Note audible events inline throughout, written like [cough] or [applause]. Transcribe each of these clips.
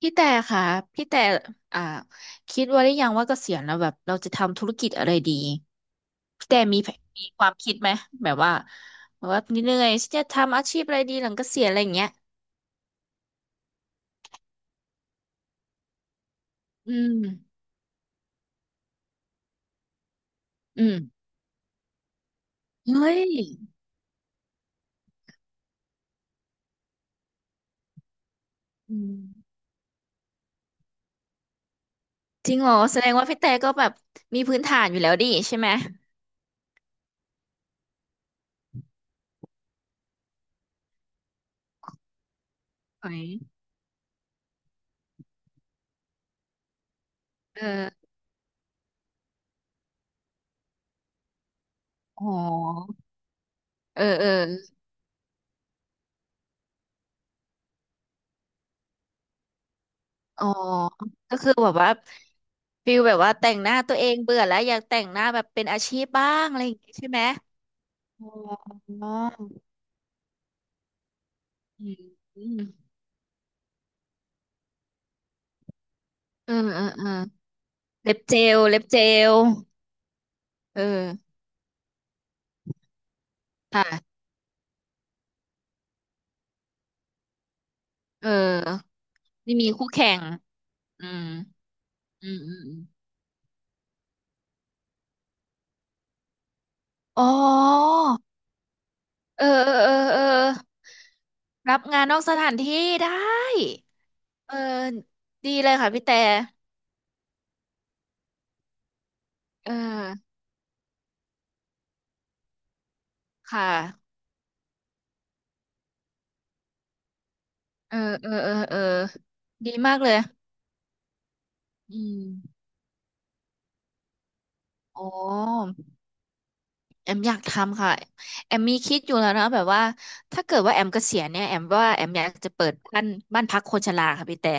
พี่แต่ค่ะพี่แต่อ่าคิดไว่าได้ยังว่าเกษียณแล้วแบบเราจะทำธุรกิจอะไรดี พี่แต่มีแผนมีความคิดไหมแบบว่าแบบว่าเหนื่อยฉันจะทำอาชีพอะไรดีหลังเกษียณอะไรอย่างเงี้ยอืมอืมเฮ้ยอืมจริงเหรอแสดงว่าพี่แต่ก็แบบมีพื้นฐานอยู่แล้วดิใช่ไหมเอ้ยเอออ๋อเออเอออ๋อก็คือแบบว่าฟิลแบบว่าแต่งหน้าตัวเองเบื่อแล้วอยากแต่งหน้าแบบเป็นอาชีพบ้างอะไรอย่างงี้ใช่ไหม อ๋ออืมเออเออเออเล็บเจลลเออค่ะเออไม่มีคู่แข่งอืมอืมอืมอมอ๋อเออเออเออเออรับงานนอกสถานที่ได้เออดีเลยค่ะพี่แต่เออค่ะเออเออเออเออดีมากเลยอืมอ๋อ แอมอยากทำค่ะแอมมีคิดอยู่แล้วนะแบบว่าถ้าเกิดว่าแอมเกษียณเนี่ยแอมว่าแอมอยากจะเปิดบ้านบ้านพักคนชราค่ะพี่แต่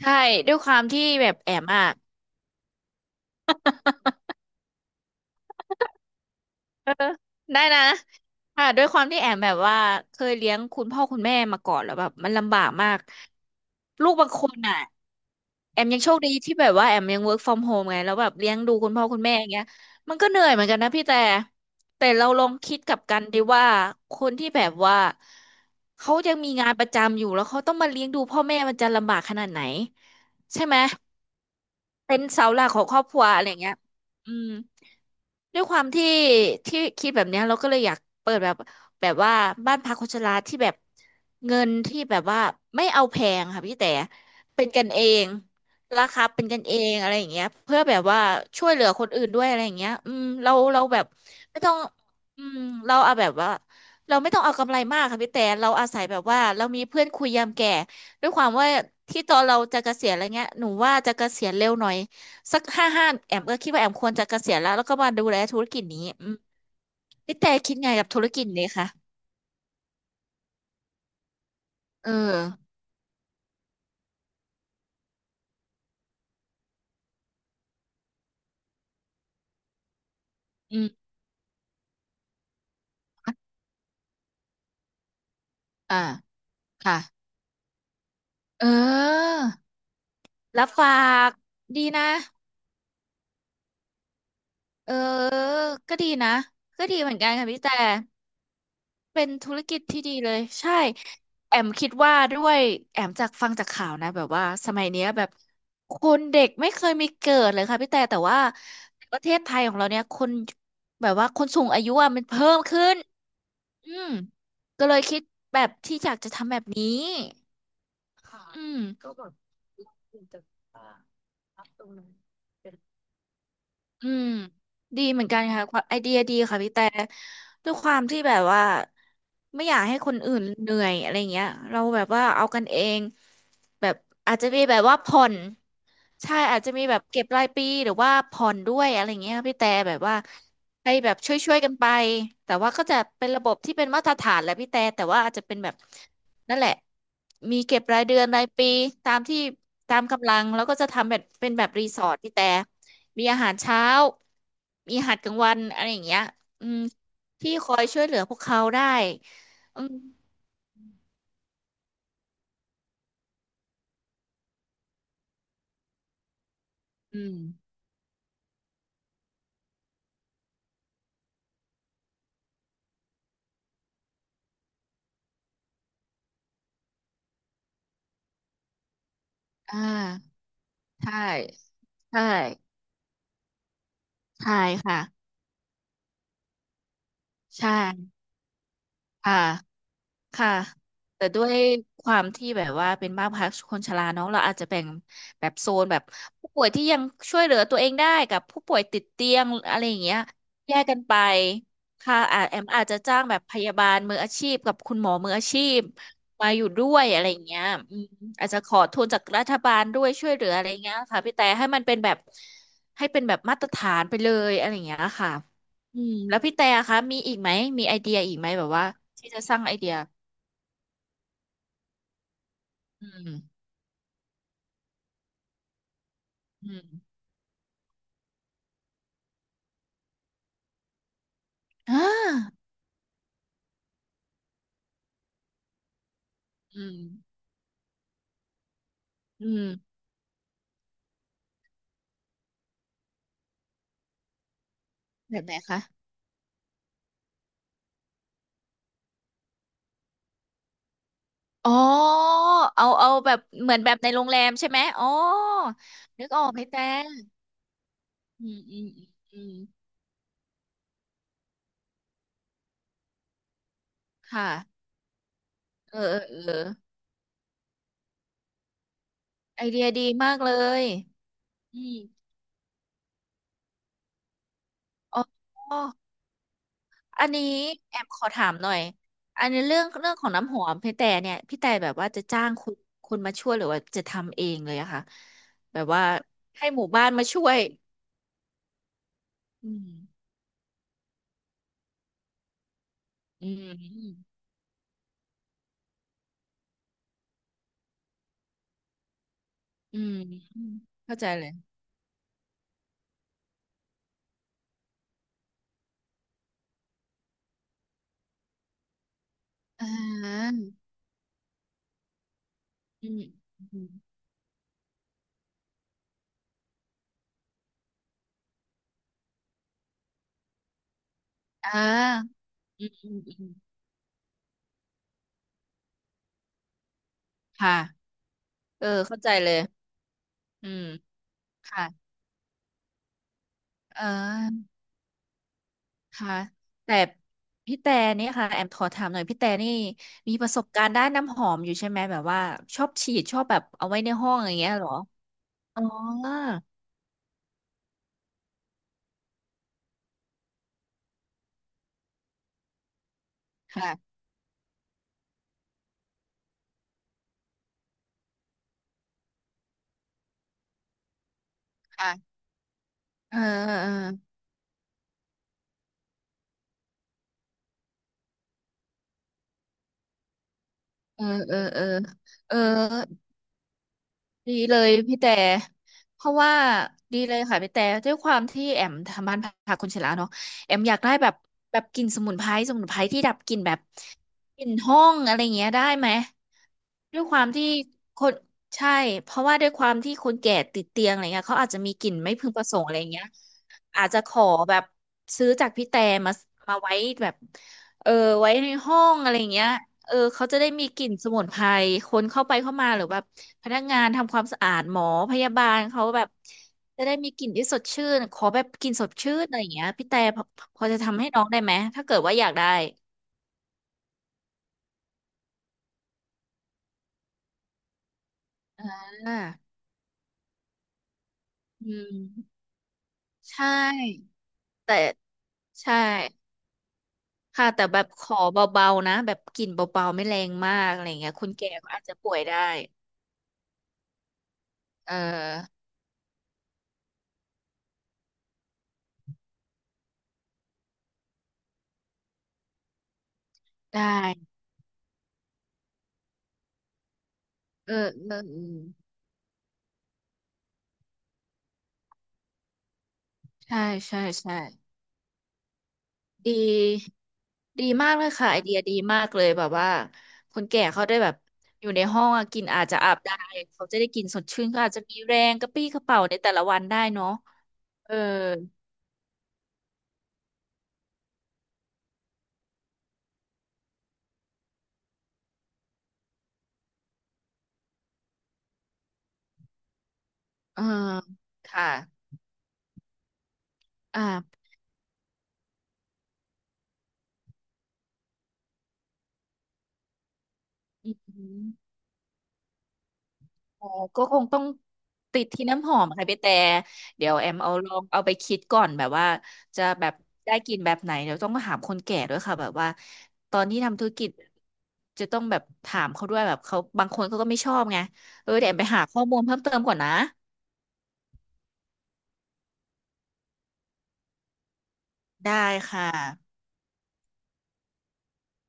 ใช่ด้วยความที่แบบแอมอ่ะ [laughs] เออได้นะค่ะด้วยความที่แอมแบบว่าเคยเลี้ยงคุณพ่อคุณแม่มาก่อนแล้วแบบมันลำบากมากลูกบางคนอ่ะ แอมยังโชคดีที่แบบว่าแอมยัง work from home ไงแล้วแบบเลี้ยงดูคุณพ่อคุณแม่อย่างเงี้ยมันก็เหนื่อยเหมือนกันนะพี่แต่แต่เราลองคิดกลับกันดีว่าคนที่แบบว่าเขายังมีงานประจำอยู่แล้วเขาต้องมาเลี้ยงดูพ่อแม่มันจะลำบากขนาดไหนใช่ไหม เป็นเสาหลักของครอบครัวอะไรอย่างเงี้ยอืมด้วยความที่ที่คิดแบบเนี้ยเราก็เลยอยากเปิดแบบแบบว่าบ้านพักคนชราที่แบบเงินที่แบบว่าไม่เอาแพงค่ะพี่แต่เป็นกันเองราคาเป็นกันเองอะไรอย่างเงี้ยเพื่อแบบว่าช่วยเหลือคนอื่นด้วยอะไรอย่างเงี้ยอืมเราแบบไม่ต้องอืมเราเอาแบบว่าเราไม่ต้องเอากำไรมากค่ะพี่แต่เราอาศัยแบบว่าเรามีเพื่อนคุยยามแก่ ด้วยความว่าที่ตอนเราจะเกษียณอะไรเงี้ยหนูว่าจะเกษียณเร็วหน่อยสัก55แอมก็คิดว่าแอมควรจะเกษียณแล้วแล้วก็มาดูแลธุรกิจนี้อืมพี่แต่คิดไงกับธุรกิจนี้คะเอออืมอ่าค่ะเออรับฝากดีนะเออก็ดีนะก็ดีเหมือนกันค่ะพี่แต่ เป็นธุรกิจที่ดีเลยใช่แอมคิดว่าด้วยแอมจากฟังจากข่าวนะแบบว่าสมัยเนี้ยแบบคนเด็กไม่เคยมีเกิดเลยค่ะพี่แต่แต่ว่าประเทศไทยของเราเนี่ยคนแบบว่าคนสูงอายุอะมันเพิ่มขึ้นอืมก็เลยคิดแบบที่อยากจะทำแบบนี้ค่ะอืม อืมดีเหมือนกันค่ะความไอเดียดีค่ะพี่แต่ด้วยความที่แบบว่าไม่อยากให้คนอื่นเหนื่อยอะไรเงี้ยเราแบบว่าเอากันเองแบบอาจจะมีแบบว่าผ่อน ใช่อาจจะมีแบบเก็บรายปีหรือว่าผ่อนด้วยอะไรเงี้ยพี่แต่แบบว่าให้แบบช่วยกันไปแต่ว่าก็จะเป็นระบบที่เป็นมาตรฐานแหละพี่แต่แต่ว่าอาจจะเป็นแบบนั่นแหละมีเก็บรายเดือนรายปีตามที่ตามกำลังแล้วก็จะทำแบบเป็นแบบรีสอร์ทพี่แต่มีอาหารเช้ามีอาหารกลางวันอะไรอย่างเงี้ยอืมที่คอยช่วยเหลือพวกเขาได้อืมอืมอ่าใช่ใช่ใช่ค่ะใช่ค่ะ ค่ะแต่ด้วยความที่แบบว่าเป็นบ้านพักคนชราเนอะเราอาจจะแบ่งแบบโซนแบบผู้ป่วยที่ยังช่วยเหลือตัวเองได้กับผู้ป่วยติดเตียงอะไรอย่างเงี้ยแยกกันไปค่ะอาจแอมอาจจะจ้างแบบพยาบาลมืออาชีพกับคุณหมอมืออาชีพมาอยู่ด้วยอะไรอย่างเงี้ยอืมอาจจะขอทุนจากรัฐบาลด้วยช่วยเหลืออะไรเงี้ยค่ะพี่แต่ให้มันเป็นแบบให้เป็นแบบมาตรฐานไปเลยอะไรอย่างเงี้ยค่ะอืมแล้วพี่แต่คะมีอีกไหมมีไอเดียอีกไหมแบบว่าที่จะสร้างไอเดีย อืมอืมอ่าอืมอืมแบบไหนคะอ๋อเอาแบบเหมือนแบบในโรงแรมใช่ไหมอ๋อนึกออกไหมแต่อืมอืมอืมอืมค่ะเออเออเออไอเดียดีมากเลยอืมอ๋ออันนี้แอมขอถามหน่อยอันนี้เรื่องของน้ำหอมพี่แต่เนี่ยพี่แต่แบบว่าจะจ้างคุณคุณมาช่วยหรือว่าจะทำเองเลยอะคะแบบว่าให้หมู่บ้านมาช่วยอืมอืม อืมอืมเข้าใจเลยอ่าอืมอืมอ่าอืมอืมอืมค่ะเออเข้าใจเลยอืมค่ะเออค่ะแต่พี่แต่นี่ค่ะแอมขอถามหน่อยพี่แต่นี่มีประสบการณ์ด้านน้ำหอมอยู่ใช่ไหมแบบว่าชอบฉีดชอบแบบเอาไว้ในห้องอย่างเงี้ยเหรอค่ะค่ะเออเออเออเออเออเออ ดีเลยพี่แต่เพราะว่าดีเลยค่ะพี่แต่ด้วยความที่แอมทำบ้านพักคนชราเนาะแอมอยากได้แบบแบบกลิ่นสมุนไพรสมุนไพรที่ดับกลิ่นแบบกลิ่นห้องอะไรเงี้ยได้ไหมด้วยความที่คนใช่เพราะว่าด้วยความที่คนแก่ติดเตียงอะไรเงี้ยเขาอาจจะมีกลิ่นไม่พึงประสงค์อะไรเงี้ย อาจจะขอแบบซื้อจากพี่แต่มามาไว้แบบเออไว้ในห้องอะไรเงี้ยเออเขาจะได้มีกลิ่นสมุนไพรคนเข้าไปเข้ามาหรือแบบพนักงานทำความสะอาดหมอพยาบาลเขาแบบจะได้มีกลิ่นที่สดชื่นขอแบบกลิ่นสดชื่นอะไรอย่างเงี้ยพี่แต่พอพอจะทำให้น้องได้ไหมถ้าเกิดว่าอยากได้อ่าอืมใช่แต่ใช่ค่ะแต่แบบขอเบาๆนะแบบกลิ่นเบาๆไม่แรงมากอะไรเงี้ยคนแก่ก็อาจจะป่วยได้เออ ได้เออเออเออใช่ใช่ใช่ดี ดีมากเลยค่ะไอเดียดีมากเลยแบบว่าคนแก่เขาได้แบบอยู่ในห้องอะกินอาจจะอาบได้เขาจะได้กินสดชื่นเขาอาจจะมีแรงกระปรี้กระเปร่าในแต่ละวันได้เนาะเออเออค่ะอ่าอืม อ๋อก็คงต้องติดที่น้ำหอมค่ะพี่แต่เดี๋ยวแอมเอาลองเอาไปคิดก่อนแบบว่าจะแบบได้กลินแบบไหนเดี๋ยวต้องมาถามคนแก่ด้วยค่ะแบบว่าตอนที่ทำธุรกิจจะต้องแบบถามเขาด้วยแบบเขาบางคนเขาก็ไม่ชอบไงเออเดี๋ยวแอมไปหาข้อมูลเพิ่มเติมก่อนนะได้ค่ะ